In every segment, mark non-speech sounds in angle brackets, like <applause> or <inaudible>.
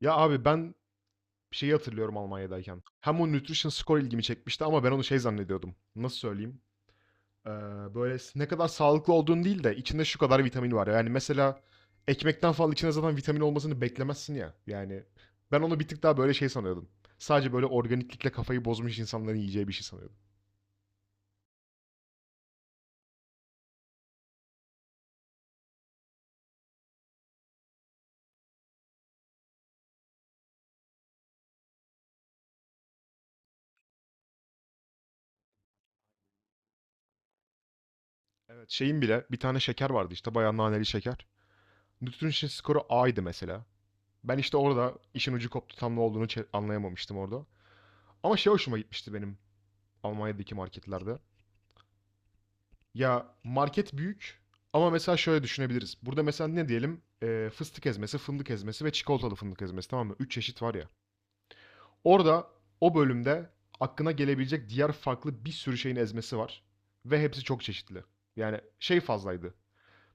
Ya abi ben şeyi hatırlıyorum Almanya'dayken. Hem o nutrition score ilgimi çekmişti ama ben onu şey zannediyordum. Nasıl söyleyeyim? Ee, böyle ne kadar sağlıklı olduğun değil de içinde şu kadar vitamin var. Yani mesela ekmekten falan içinde zaten vitamin olmasını beklemezsin ya. Yani ben onu bir tık daha böyle şey sanıyordum. Sadece böyle organiklikle kafayı bozmuş insanların yiyeceği bir şey sanıyordum. Evet şeyin bile bir tane şeker vardı işte bayağı naneli şeker. Nutrition skoru A'ydı mesela. Ben işte orada işin ucu koptu tam ne olduğunu anlayamamıştım orada. Ama şey hoşuma gitmişti benim. Almanya'daki marketlerde. Ya market büyük ama mesela şöyle düşünebiliriz. Burada mesela ne diyelim? Fıstık ezmesi, fındık ezmesi ve çikolatalı fındık ezmesi tamam mı? 3 çeşit var ya. Orada o bölümde aklına gelebilecek diğer farklı bir sürü şeyin ezmesi var. Ve hepsi çok çeşitli. Yani şey fazlaydı.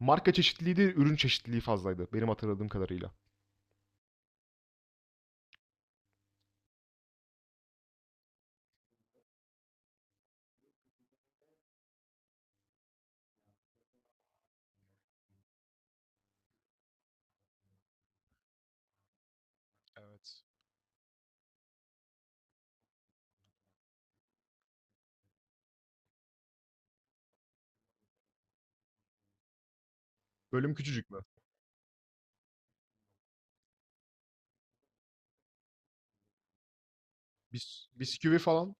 Marka çeşitliliği değil, ürün çeşitliliği fazlaydı benim hatırladığım kadarıyla. Evet. Bölüm küçücük mü? Bisküvi falan.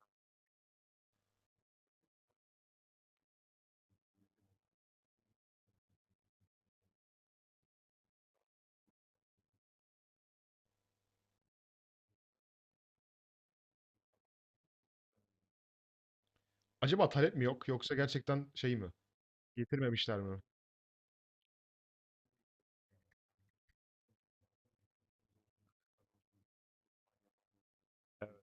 Acaba talep mi yok yoksa gerçekten şey mi? Getirmemişler mi? Evet.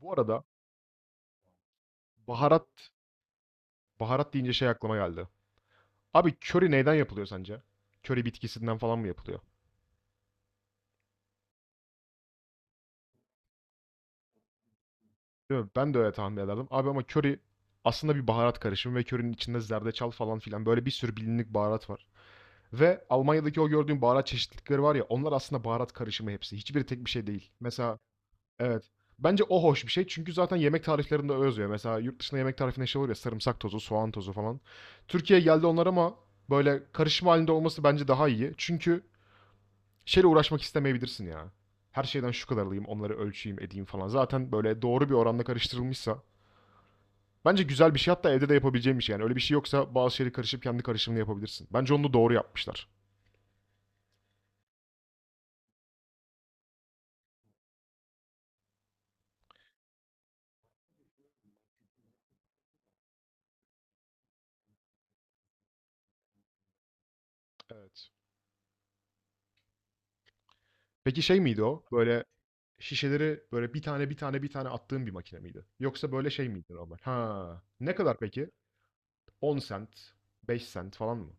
Bu arada baharat baharat deyince şey aklıma geldi. Abi köri neyden yapılıyor sence? Köri bitkisinden falan mı yapılıyor? Değil mi? Ben de öyle tahmin ederdim. Abi ama köri aslında bir baharat karışımı ve körinin içinde zerdeçal falan filan böyle bir sürü bilindik baharat var. Ve Almanya'daki o gördüğün baharat çeşitlilikleri var ya onlar aslında baharat karışımı hepsi. Hiçbiri tek bir şey değil. Mesela evet. Bence o hoş bir şey çünkü zaten yemek tariflerinde öyle yazıyor. Mesela yurt dışında yemek tarifinde şey olur ya sarımsak tozu, soğan tozu falan. Türkiye'ye geldi onlar ama böyle karışım halinde olması bence daha iyi. Çünkü şeyle uğraşmak istemeyebilirsin ya. Her şeyden şu kadar alayım, onları ölçeyim, edeyim falan. Zaten böyle doğru bir oranda karıştırılmışsa bence güzel bir şey hatta evde de yapabileceğim bir şey. Yani öyle bir şey yoksa bazı şeyleri karışıp kendi karışımını yapabilirsin. Bence onu da doğru yapmışlar. Evet. Peki şey miydi o? Böyle şişeleri böyle bir tane bir tane bir tane attığın bir makine miydi? Yoksa böyle şey miydi normal? Ha. Ne kadar peki? 10 sent, 5 sent falan mı?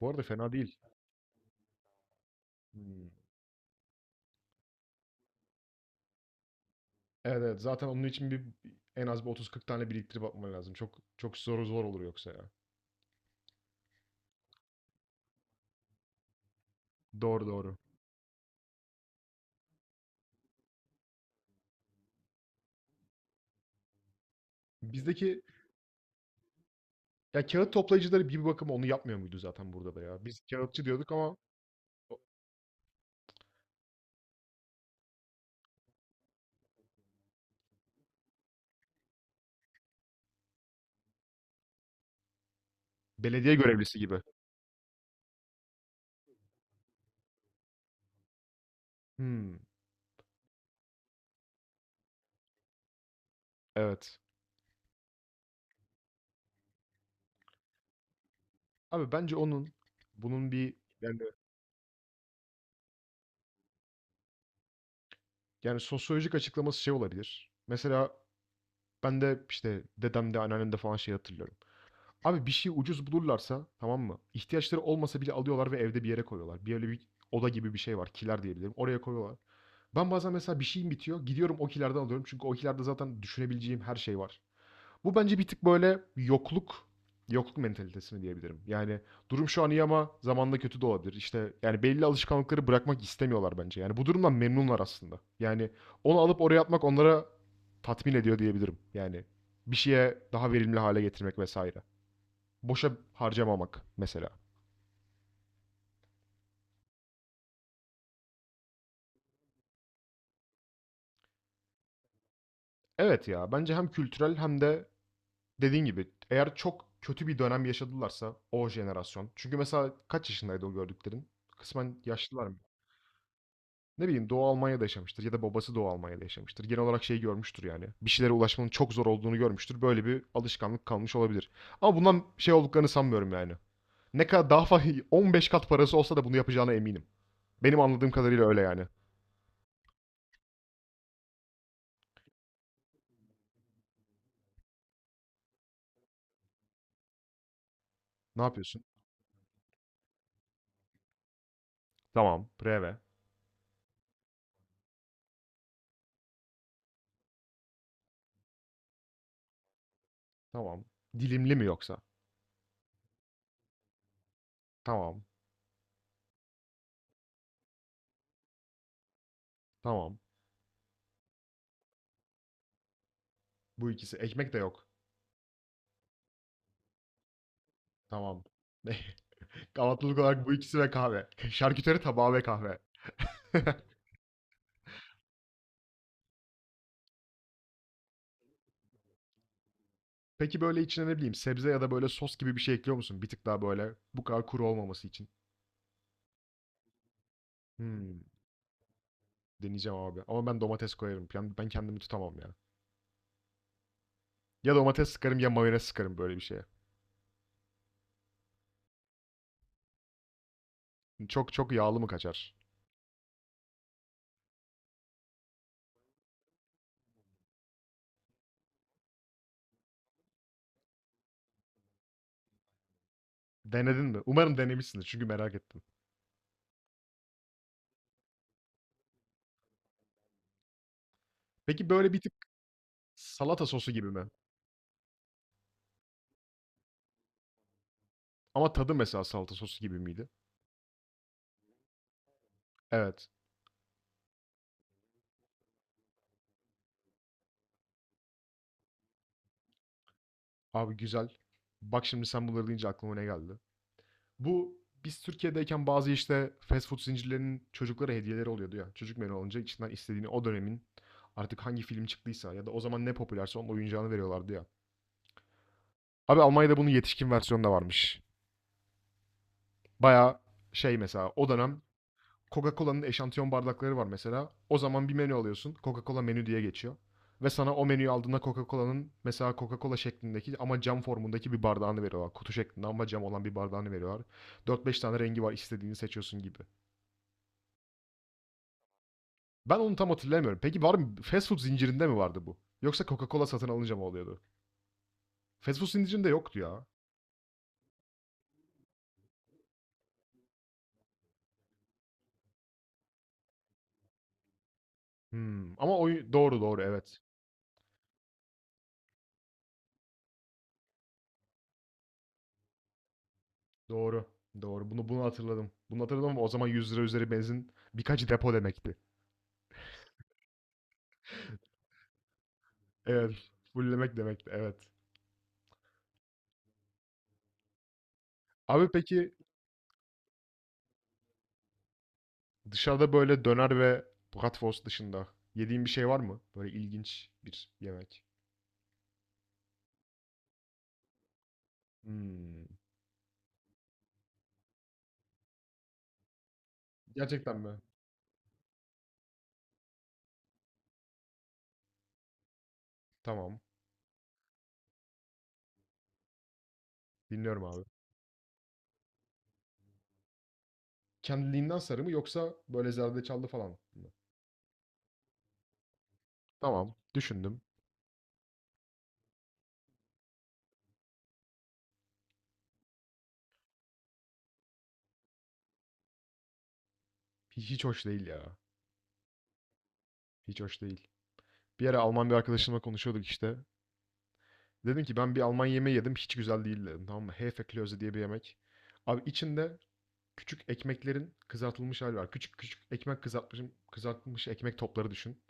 Bu arada fena değil. Hmm. Evet, evet zaten onun için en az bir 30-40 tane biriktirip atman lazım. Çok çok zor zor olur yoksa ya. Doğru, doğru. Bizdeki ya kağıt toplayıcıları bir bakıma onu yapmıyor muydu zaten burada da ya? Biz kağıtçı diyorduk ama o- belediye görevlisi gibi. Hmm, evet. Abi bence onun bunun bir yani yani sosyolojik açıklaması şey olabilir. Mesela ben de işte dedemde, anneannemde falan şey hatırlıyorum. Abi bir şey ucuz bulurlarsa tamam mı? İhtiyaçları olmasa bile alıyorlar ve evde bir yere koyuyorlar. Bir öyle bir oda gibi bir şey var. Kiler diyebilirim. Oraya koyuyorlar. Ben bazen mesela bir şeyim bitiyor. Gidiyorum o kilerden alıyorum. Çünkü o kilerde zaten düşünebileceğim her şey var. Bu bence bir tık böyle yokluk mentalitesini diyebilirim. Yani durum şu an iyi ama zamanla kötü de olabilir. İşte yani belli alışkanlıkları bırakmak istemiyorlar bence. Yani bu durumdan memnunlar aslında. Yani onu alıp oraya atmak onlara tatmin ediyor diyebilirim. Yani bir şeye daha verimli hale getirmek vesaire. Boşa harcamamak mesela. Evet ya bence hem kültürel hem de dediğin gibi eğer çok kötü bir dönem yaşadılarsa o jenerasyon. Çünkü mesela kaç yaşındaydı o gördüklerin? Kısmen yaşlılar mı? Ne bileyim Doğu Almanya'da yaşamıştır ya da babası Doğu Almanya'da yaşamıştır. Genel olarak şey görmüştür yani. Bir şeylere ulaşmanın çok zor olduğunu görmüştür. Böyle bir alışkanlık kalmış olabilir. Ama bundan şey olduklarını sanmıyorum yani. Ne kadar daha <laughs> 15 kat parası olsa da bunu yapacağına eminim. Benim anladığım kadarıyla öyle yani. Ne yapıyorsun? Tamam. Preve. Tamam. Dilimli mi yoksa? Tamam. Tamam. Bu ikisi. Ekmek de yok. Tamam. <laughs> Kahvaltılık olarak bu ikisi ve kahve. <laughs> Şarküteri tabağı ve kahve. <laughs> Peki böyle içine ne bileyim sebze ya da böyle sos gibi bir şey ekliyor musun? Bir tık daha böyle bu kadar kuru olmaması için. Hmm, deneyeceğim abi. Ama ben domates koyarım. Yani ben kendimi tutamam ya. Ya domates sıkarım ya mayonez sıkarım böyle bir şeye. Çok çok yağlı mı kaçar? Denedin mi? Umarım denemişsindir çünkü merak ettim. Peki böyle bir tık salata sosu gibi mi? Ama tadı mesela salata sosu gibi miydi? Evet. Abi güzel. Bak şimdi sen bunları deyince aklıma ne geldi? Bu biz Türkiye'deyken bazı işte fast food zincirlerinin çocuklara hediyeleri oluyordu ya. Çocuk menü alınca içinden istediğini o dönemin artık hangi film çıktıysa ya da o zaman ne popülerse onun oyuncağını veriyorlardı ya. Abi Almanya'da bunun yetişkin versiyonu da varmış. Baya şey mesela o dönem Coca-Cola'nın eşantiyon bardakları var mesela. O zaman bir menü alıyorsun. Coca-Cola menü diye geçiyor. Ve sana o menüyü aldığında Coca-Cola'nın mesela Coca-Cola şeklindeki ama cam formundaki bir bardağını veriyorlar. Kutu şeklinde ama cam olan bir bardağını veriyorlar. 4-5 tane rengi var istediğini seçiyorsun gibi. Ben onu tam hatırlayamıyorum. Peki var mı fast food zincirinde mi vardı bu? Yoksa Coca-Cola satın alınca mı oluyordu? Fast food zincirinde yoktu ya. Hımm. Ama oy doğru, doğru, evet. Doğru, doğru. Bunu hatırladım. Bunu hatırladım ama o zaman 100 lira üzeri benzin birkaç depo demekti. Evet, fullemek demekti, evet. Abi peki dışarıda böyle döner ve bratwurst dışında yediğin bir şey var mı? Böyle ilginç bir yemek. Hımm. Gerçekten mi? Tamam. Dinliyorum abi. Kendiliğinden sarı mı yoksa böyle zerdeçallı falan mı? Tamam. Düşündüm. Hiç hoş değil ya. Hiç hoş değil. Bir ara Alman bir arkadaşımla konuşuyorduk işte. Dedim ki ben bir Alman yemeği yedim. Hiç güzel değil dedim. Tamam mı? Hefeklöze diye bir yemek. Abi içinde küçük ekmeklerin kızartılmış hali var. Küçük küçük ekmek kızartmış, kızartılmış ekmek topları düşün.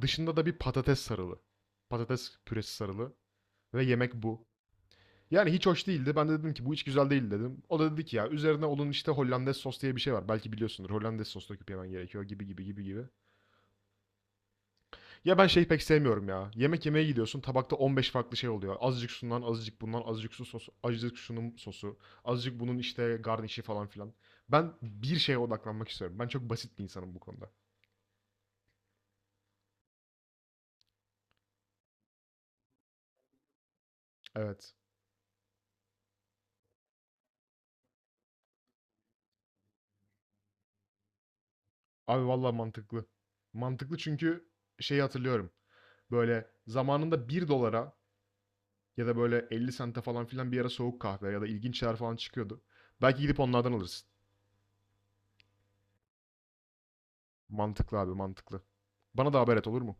Dışında da bir patates sarılı. Patates püresi sarılı. Ve yemek bu. Yani hiç hoş değildi. Ben de dedim ki bu hiç güzel değil dedim. O da dedi ki ya üzerine onun işte Hollandaise sos diye bir şey var. Belki biliyorsundur. Hollandaise sos döküp yemen gerekiyor gibi gibi gibi gibi. Ya ben şeyi pek sevmiyorum ya. Yemek yemeye gidiyorsun, tabakta 15 farklı şey oluyor. Azıcık şundan, azıcık bundan, azıcık su sosu, azıcık şunun sosu, azıcık bunun işte garnişi falan filan. Ben bir şeye odaklanmak istiyorum. Ben çok basit bir insanım bu konuda. Evet. Abi vallahi mantıklı. Mantıklı çünkü şeyi hatırlıyorum. Böyle zamanında 1 dolara ya da böyle 50 sente falan filan bir ara soğuk kahve ya da ilginç şeyler falan çıkıyordu. Belki gidip onlardan alırsın. Mantıklı abi, mantıklı. Bana da haber et olur mu?